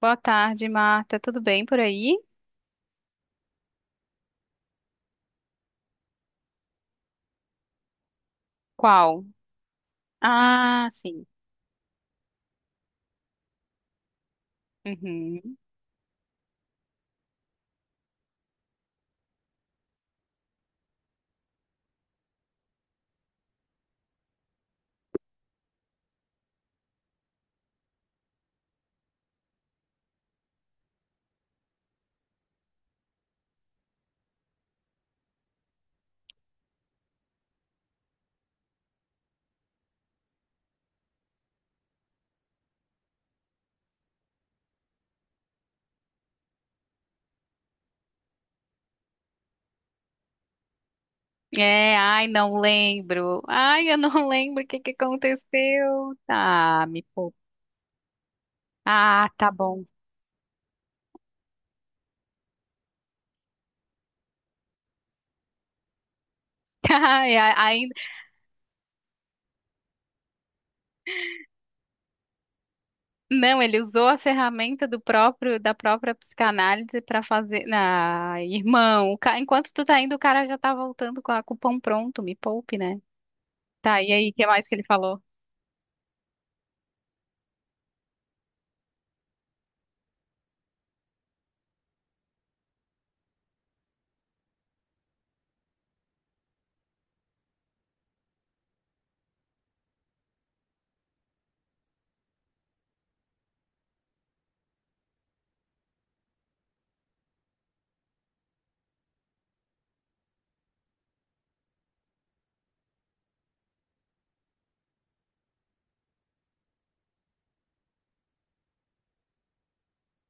Boa tarde, Marta. Tudo bem por aí? Qual? Ah, sim. Uhum. É, ai, não lembro. Ai, eu não lembro o que que aconteceu. Ah, me poupa. Ah, tá bom. Ai, ainda não, ele usou a ferramenta do próprio da própria psicanálise para fazer. Ah, irmão, enquanto tu tá indo, o cara já tá voltando com o pão pronto. Me poupe, né? Tá, e aí, o que mais que ele falou?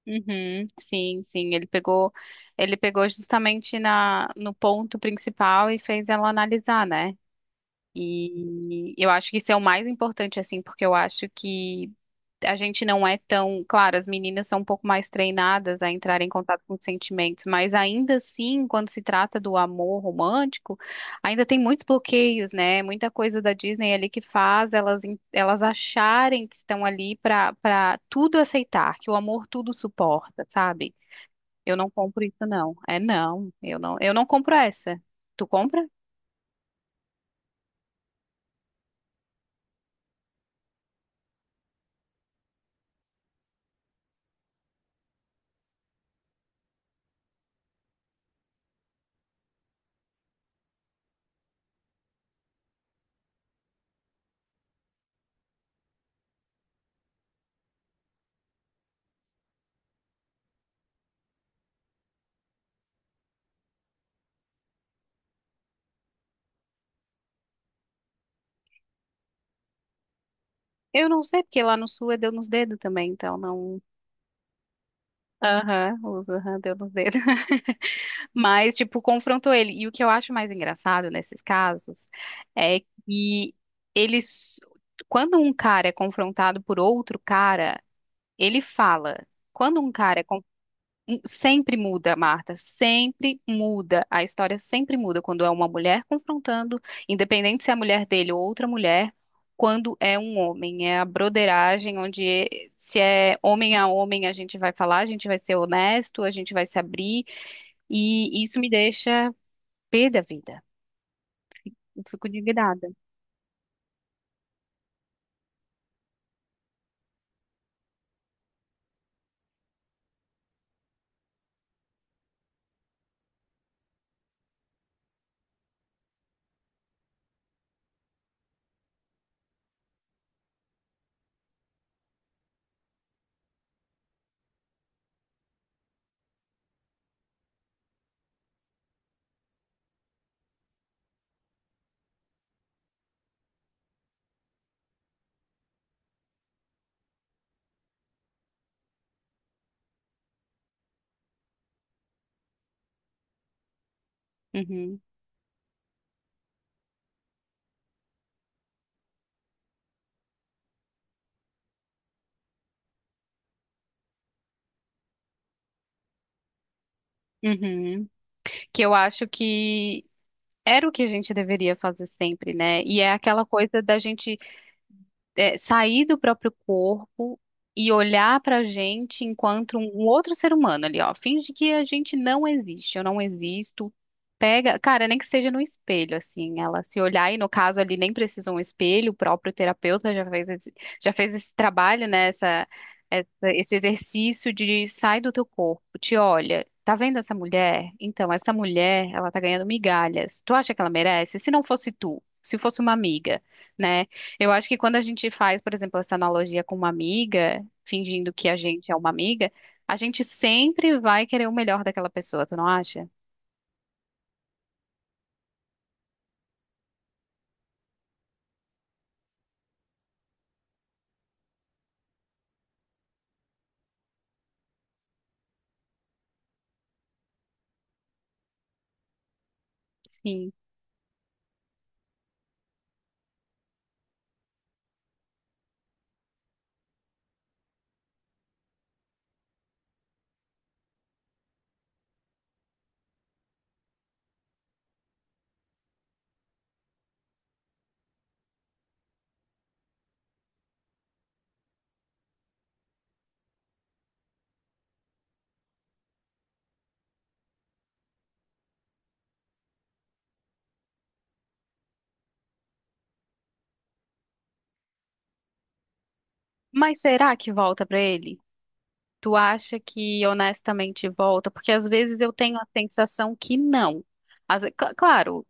Uhum, sim, sim, ele pegou justamente no ponto principal e fez ela analisar, né? E eu acho que isso é o mais importante, assim, porque eu acho que a gente não é tão. Claro, as meninas são um pouco mais treinadas a entrar em contato com os sentimentos, mas ainda assim, quando se trata do amor romântico, ainda tem muitos bloqueios, né? Muita coisa da Disney ali que faz elas, elas acharem que estão ali para tudo aceitar, que o amor tudo suporta, sabe? Eu não compro isso, não. É, não, eu não compro essa. Tu compra? Eu não sei, porque lá no sul é deu nos dedos também, então não. Aham, uso, aham, deu nos dedos. Mas, tipo, confrontou ele. E o que eu acho mais engraçado nesses casos é que eles. Quando um cara é confrontado por outro cara, ele fala. Quando um cara é. Sempre muda, Marta, sempre muda. A história sempre muda quando é uma mulher confrontando, independente se é a mulher dele ou outra mulher, quando é um homem. É a broderagem onde se é homem a homem a gente vai falar, a gente vai ser honesto, a gente vai se abrir e isso me deixa pé da vida. Eu fico indignada. Uhum. Uhum. Que eu acho que era o que a gente deveria fazer sempre, né? E é aquela coisa da gente sair do próprio corpo e olhar pra gente enquanto um outro ser humano ali, ó. Finge que a gente não existe, eu não existo. Pega, cara, nem que seja no espelho, assim, ela se olhar, e no caso ali nem precisa um espelho, o próprio terapeuta já fez esse, trabalho, né, essa- esse exercício de sai do teu corpo, te olha, tá vendo essa mulher? Então, essa mulher, ela tá ganhando migalhas, tu acha que ela merece? Se não fosse tu, se fosse uma amiga, né? Eu acho que quando a gente faz, por exemplo, essa analogia com uma amiga, fingindo que a gente é uma amiga, a gente sempre vai querer o melhor daquela pessoa, tu não acha? Sim. Mas será que volta pra ele? Tu acha que honestamente volta? Porque às vezes eu tenho a sensação que não. Claro,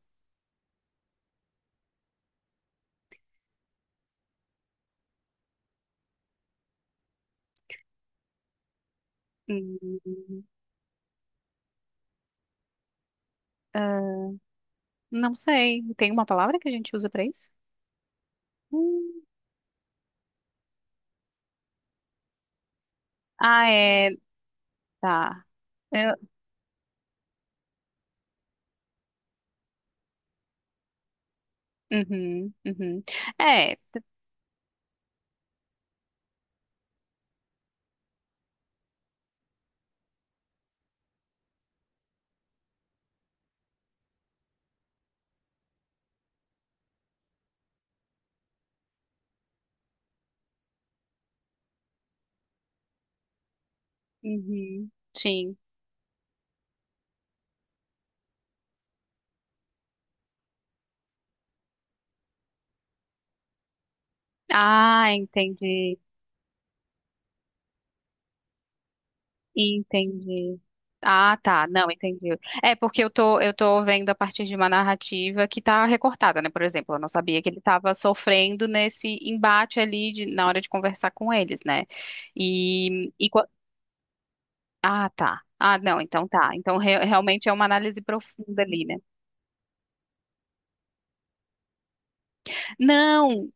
hum, ah, não sei. Tem uma palavra que a gente usa pra isso? Hum, ah, é. Tá. Eu- Uhum, uhum. É. Uhum, sim. Ah, entendi. Entendi. Ah, tá. Não, entendi. É porque eu tô vendo a partir de uma narrativa que tá recortada, né? Por exemplo, eu não sabia que ele estava sofrendo nesse embate ali na hora de conversar com eles, né? E, e qua- ah, tá. Ah, não, então tá. Então realmente é uma análise profunda ali, né? Não,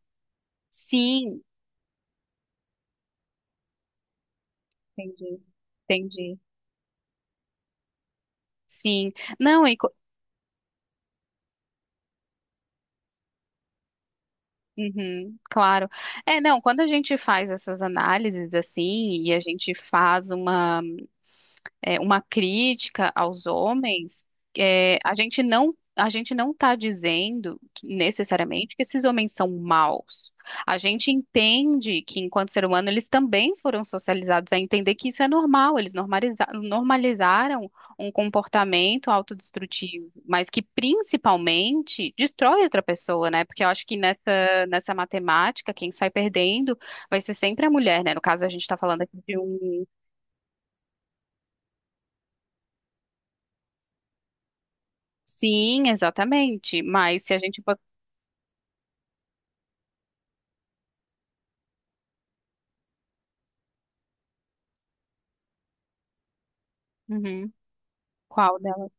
sim, entendi. Entendi. Sim. Não, Uhum, claro. É, não, quando a gente faz essas análises assim, e a gente faz uma crítica aos homens, a gente não está dizendo que, necessariamente que esses homens são maus. A gente entende que, enquanto ser humano, eles também foram socializados a entender que isso é normal, eles normalizaram um comportamento autodestrutivo, mas que principalmente destrói outra pessoa, né? Porque eu acho que nessa matemática, quem sai perdendo vai ser sempre a mulher, né? No caso, a gente está falando aqui de um. Sim, exatamente. Mas se a gente. Uhum. Qual delas?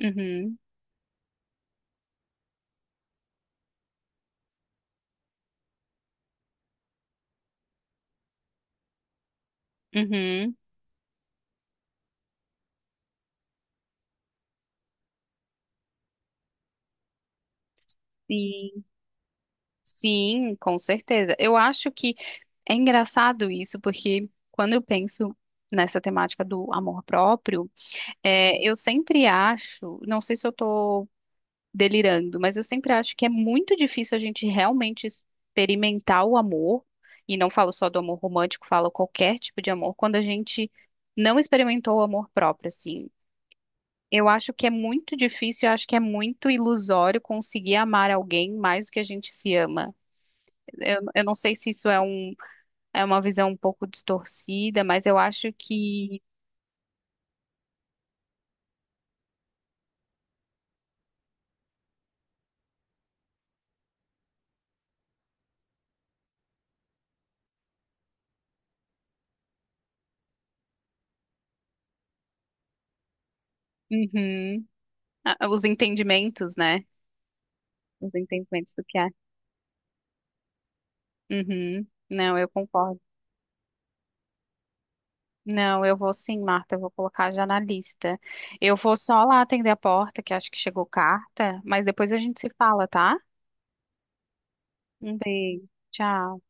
Uhum. Uhum. Sim. Sim, com certeza. Eu acho que é engraçado isso, porque quando eu penso nessa temática do amor próprio, eu sempre acho, não sei se eu estou delirando, mas eu sempre acho que é muito difícil a gente realmente experimentar o amor, e não falo só do amor romântico, falo qualquer tipo de amor, quando a gente não experimentou o amor próprio, assim. Eu acho que é muito difícil, eu acho que é muito ilusório conseguir amar alguém mais do que a gente se ama. Eu não sei se isso é uma visão um pouco distorcida, mas eu acho que. Uhum. Ah, os entendimentos, né? Os entendimentos do que é. Uhum. Não, eu concordo. Não, eu vou sim, Marta, eu vou colocar já na lista. Eu vou só lá atender a porta, que acho que chegou carta, mas depois a gente se fala, tá? Um beijo. Tchau.